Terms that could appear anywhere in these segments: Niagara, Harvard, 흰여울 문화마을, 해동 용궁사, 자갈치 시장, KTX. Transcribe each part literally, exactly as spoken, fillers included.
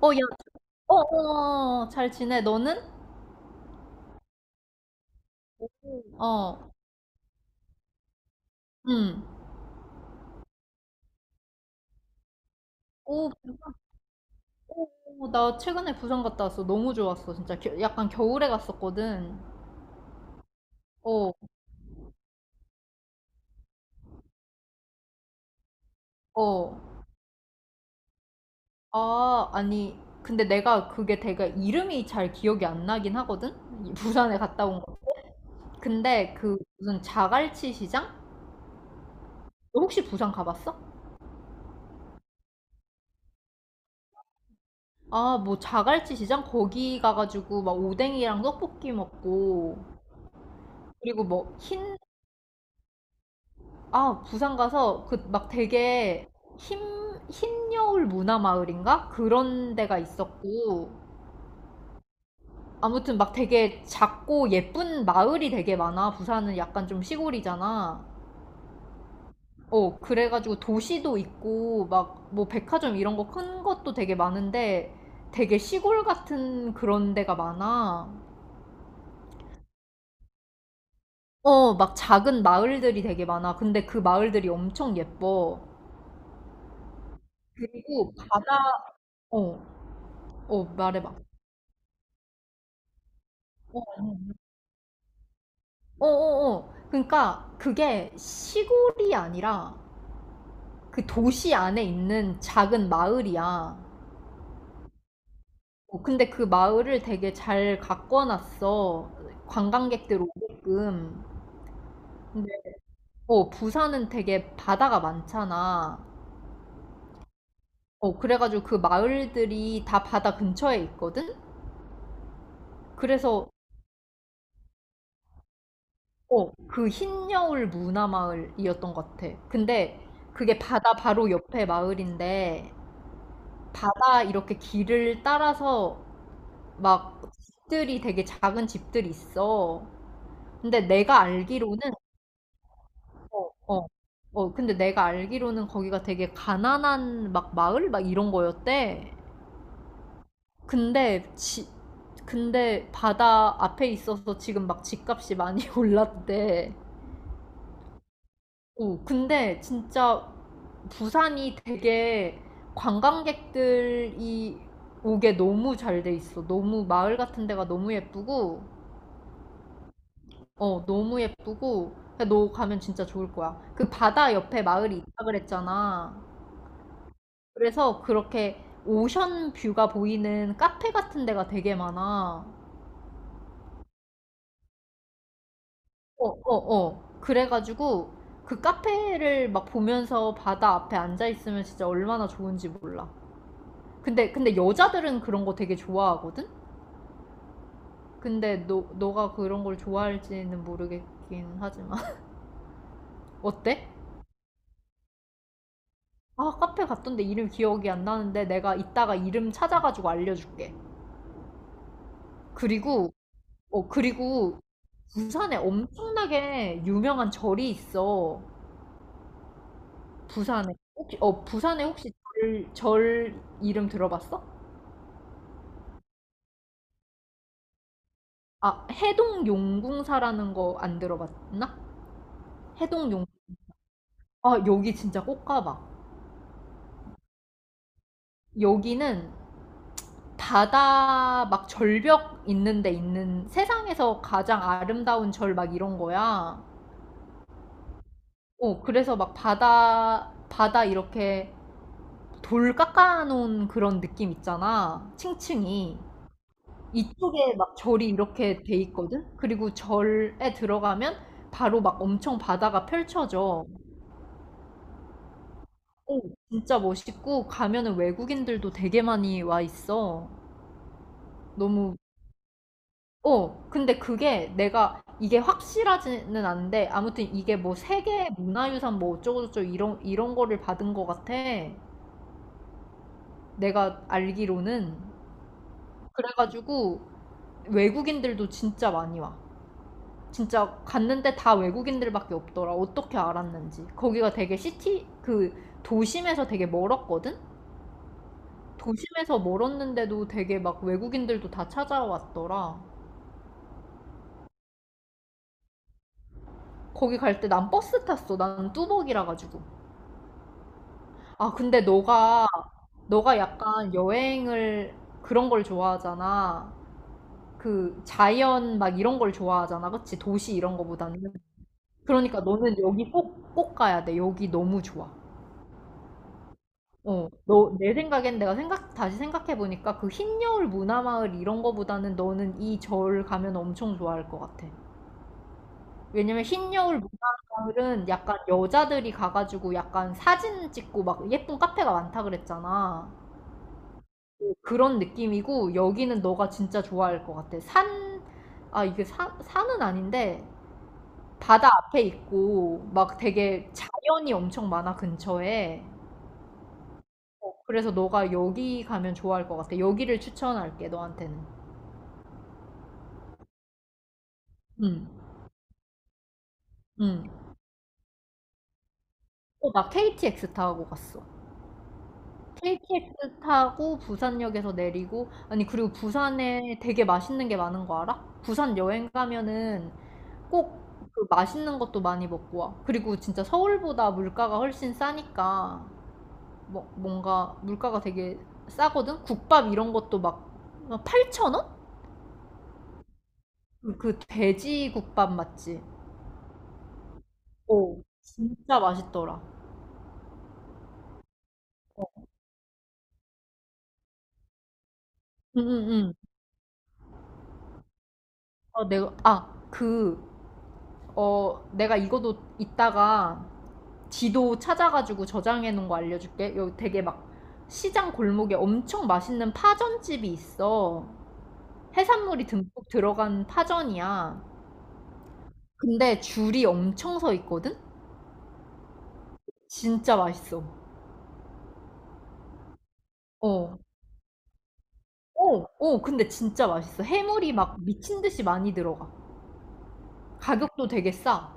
어, 야, 어, 어, 어, 어, 잘 지내. 너는? 어, 응. 오, 오, 오, 나 최근에 부산 갔다 왔어. 너무 좋았어. 진짜 겨- 약간 겨울에 갔었거든. 어, 어. 아, 아니. 근데 내가 그게 내가 이름이 잘 기억이 안 나긴 하거든? 이 부산에 갔다 온 거. 근데 그 무슨 자갈치 시장? 너 혹시 부산 가봤어? 아, 뭐 자갈치 시장? 거기 가가지고 막 오뎅이랑 떡볶이 먹고 그리고 뭐흰. 아, 부산 가서 그 막 되게 흰, 흰 여울 문화 마을인가? 그런 데가 있었고. 아무튼 막 되게 작고 예쁜 마을이 되게 많아. 부산은 약간 좀 시골이잖아. 어, 그래가지고 도시도 있고 막 뭐 백화점 이런 거 큰 것도 되게 많은데 되게 시골 같은 그런 데가 많아. 어, 막 작은 마을들이 되게 많아. 근데 그 마을들이 엄청 예뻐. 그리고 바다, 어, 어, 말해봐. 어, 어어어. 그러니까 그게 시골이 아니라 그 도시 안에 있는 작은 마을이야. 어, 근데 그 마을을 되게 잘 가꿔놨어. 관광객들 오게끔. 근데 어, 부산은 되게 바다가 많잖아. 어, 그래가지고 그 마을들이 다 바다 근처에 있거든? 그래서 어, 그 흰여울 문화마을이었던 것 같아. 근데 그게 바다 바로 옆에 마을인데 바다 이렇게 길을 따라서 막 집들이 되게 작은 집들이 있어. 근데 내가 알기로는 어, 어, 근데 내가 알기로는 거기가 되게 가난한 막 마을 막 이런 거였대. 근데 지, 근데 바다 앞에 있어서 지금 막 집값이 많이 올랐대. 오 근데 진짜 부산이 되게 관광객들이 오게 너무 잘 돼 있어. 너무 마을 같은 데가 너무 예쁘고 어, 너무 예쁘고, 너 가면 진짜 좋을 거야. 그 바다 옆에 마을이 있다 그랬잖아. 그래서 그렇게 오션 뷰가 보이는 카페 같은 데가 되게 많아. 어, 어, 어. 그래가지고 그 카페를 막 보면서 바다 앞에 앉아 있으면 진짜 얼마나 좋은지 몰라. 근데, 근데 여자들은 그런 거 되게 좋아하거든? 근데 너, 너가 그런 걸 좋아할지는 모르겠긴 하지만. 어때? 아, 카페 갔던데 이름 기억이 안 나는데 내가 이따가 이름 찾아가지고 알려줄게. 그리고, 어, 그리고 부산에 엄청나게 유명한 절이 있어. 부산에. 혹시, 어, 부산에 혹시 절, 절 이름 들어봤어? 아, 해동 용궁사라는 거 안 들어봤나? 해동 용, 아, 여기 진짜 꼭 가봐. 여기는 바다 막 절벽 있는 데 있는 세상에서 가장 아름다운 절 막 이런 거야. 어, 그래서 막 바다, 바다 이렇게 돌 깎아놓은 그런 느낌 있잖아. 층층이. 이쪽에 막 절이 이렇게 돼 있거든? 그리고 절에 들어가면 바로 막 엄청 바다가 펼쳐져. 오, 진짜 멋있고, 가면은 외국인들도 되게 많이 와 있어. 너무, 어, 근데 그게 내가, 이게 확실하지는 않은데, 아무튼 이게 뭐 세계 문화유산 뭐 어쩌고저쩌고 이런, 이런 거를 받은 것 같아. 내가 알기로는. 그래가지고 외국인들도 진짜 많이 와. 진짜 갔는데 다 외국인들밖에 없더라. 어떻게 알았는지. 거기가 되게 시티, 그 도심에서 되게 멀었거든? 도심에서 멀었는데도 되게 막 외국인들도 다 찾아왔더라. 거기 갈 때 난 버스 탔어. 난 뚜벅이라 가지고. 아, 근데 너가, 너가 약간 여행을 그런 걸 좋아하잖아. 그 자연 막 이런 걸 좋아하잖아. 그치? 도시 이런 거보다는. 그러니까 너는 여기 꼭, 꼭 가야 돼. 여기 너무 좋아. 어, 너, 내 생각엔 내가 생각, 다시 생각해보니까 그 흰 여울 문화마을 이런 거보다는 너는 이 절 가면 엄청 좋아할 것 같아. 왜냐면 흰 여울 문화마을은 약간 여자들이 가가지고 약간 사진 찍고 막 예쁜 카페가 많다 그랬잖아. 어, 그런 느낌이고 여기는 너가 진짜 좋아할 것 같아. 산, 아, 이게 산, 산은 아닌데 바다 앞에 있고 막 되게 자연이 엄청 많아 근처에. 어, 그래서 너가 여기 가면 좋아할 것 같아. 여기를 추천할게, 너한테는. 응, 응. 어, 나 케이티엑스 타고 갔어. 케이티엑스 타고 부산역에서 내리고, 아니, 그리고 부산에 되게 맛있는 게 많은 거 알아? 부산 여행 가면은 꼭 그 맛있는 것도 많이 먹고 와. 그리고 진짜 서울보다 물가가 훨씬 싸니까, 뭐, 뭔가 물가가 되게 싸거든? 국밥 이런 것도 막 팔천 원? 그 돼지 국밥 맞지? 오 진짜 맛있더라. 응응응. 어, 내가 아, 그 어, 내가 이거도 이따가 지도 찾아가지고 저장해 놓은 거 알려줄게. 여기 되게 막 시장 골목에 엄청 맛있는 파전집이 있어. 해산물이 듬뿍 들어간 파전이야. 근데 줄이 엄청 서 있거든? 진짜 맛있어. 어. 어, 어, 근데 진짜 맛있어. 해물이 막 미친 듯이 많이 들어가. 가격도 되게 싸.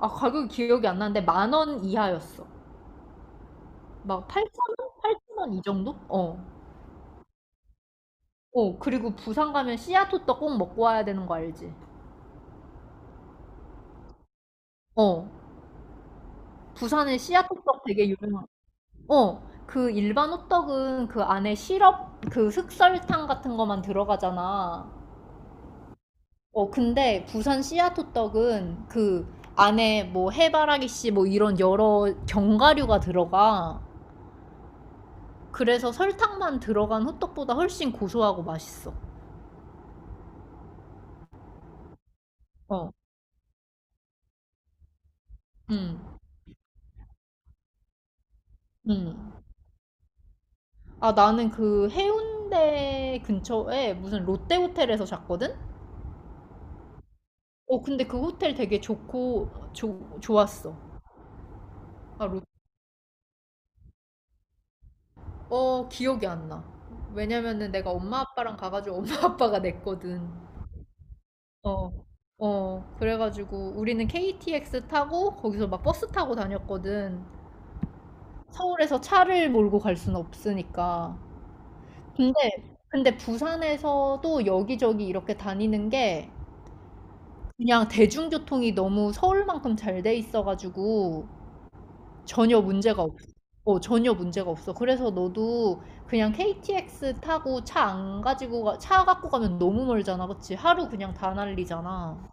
아, 가격이 기억이 안 나는데 만 원 이하였어. 막 팔천 원? 팔천 원 이 정도? 어. 어, 그리고 부산 가면 씨앗호떡 꼭 먹고 와야 되는 거 알지? 어. 부산에 씨앗호떡 되게 유명한. 어. 그 일반 호떡은 그 안에 시럽, 그 흑설탕 같은 거만 들어가잖아. 어, 근데 부산 씨앗호떡은 그 안에 뭐 해바라기 씨 뭐 이런 여러 견과류가 들어가. 그래서 설탕만 들어간 호떡보다 훨씬 고소하고 맛있어. 어. 음. 음. 아, 나는 그 해운대 근처에 무슨 롯데 호텔에서 잤거든? 어, 근데 그 호텔 되게 좋고, 조, 좋았어. 아, 롯, 어, 기억이 안 나. 왜냐면은 내가 엄마 아빠랑 가가지고 엄마 아빠가 냈거든. 어, 어, 그래가지고 우리는 케이티엑스 타고 거기서 막 버스 타고 다녔거든. 서울에서 차를 몰고 갈 순 없으니까. 근데, 근데 부산에서도 여기저기 이렇게 다니는 게 그냥 대중교통이 너무 서울만큼 잘 돼 있어가지고 전혀 문제가 없어. 어, 전혀 문제가 없어. 그래서 너도 그냥 케이티엑스 타고 차 안 가지고 가, 차 갖고 가면 너무 멀잖아. 그치? 하루 그냥 다 날리잖아.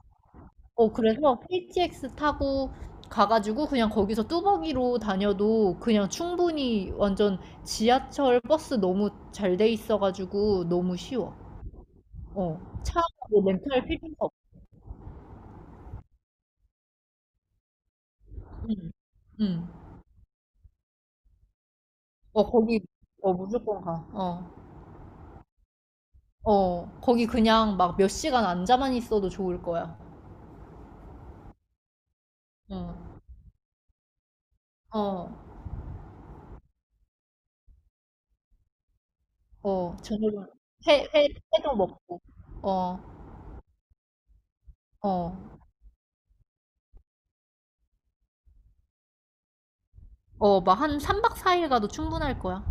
어, 그래서 케이티엑스 타고 가가지고 그냥 거기서 뚜벅이로 다녀도 그냥 충분히 완전 지하철 버스 너무 잘 돼 있어가지고 너무 쉬워. 어, 차뭐 렌탈 필요가 없어. 응, 응. 어, 거기, 어, 무조건 가. 어, 어, 거기 그냥 막 몇 시간 앉아만 있어도 좋을 거야. 응, 어, 어, 저녁은 회, 회, 회도 먹고. 어, 어, 어, 막 한 삼 박 사 일 가도 충분할 거야.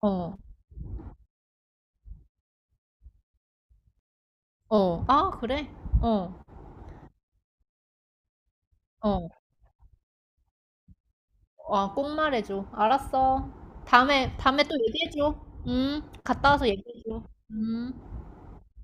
어, 어, 아, 그래? 어, 어, 아, 꼭 말해줘. 알았어. 다음에, 다음에 또 얘기해줘. 음, 갔다 와서 얘기해줘. 음.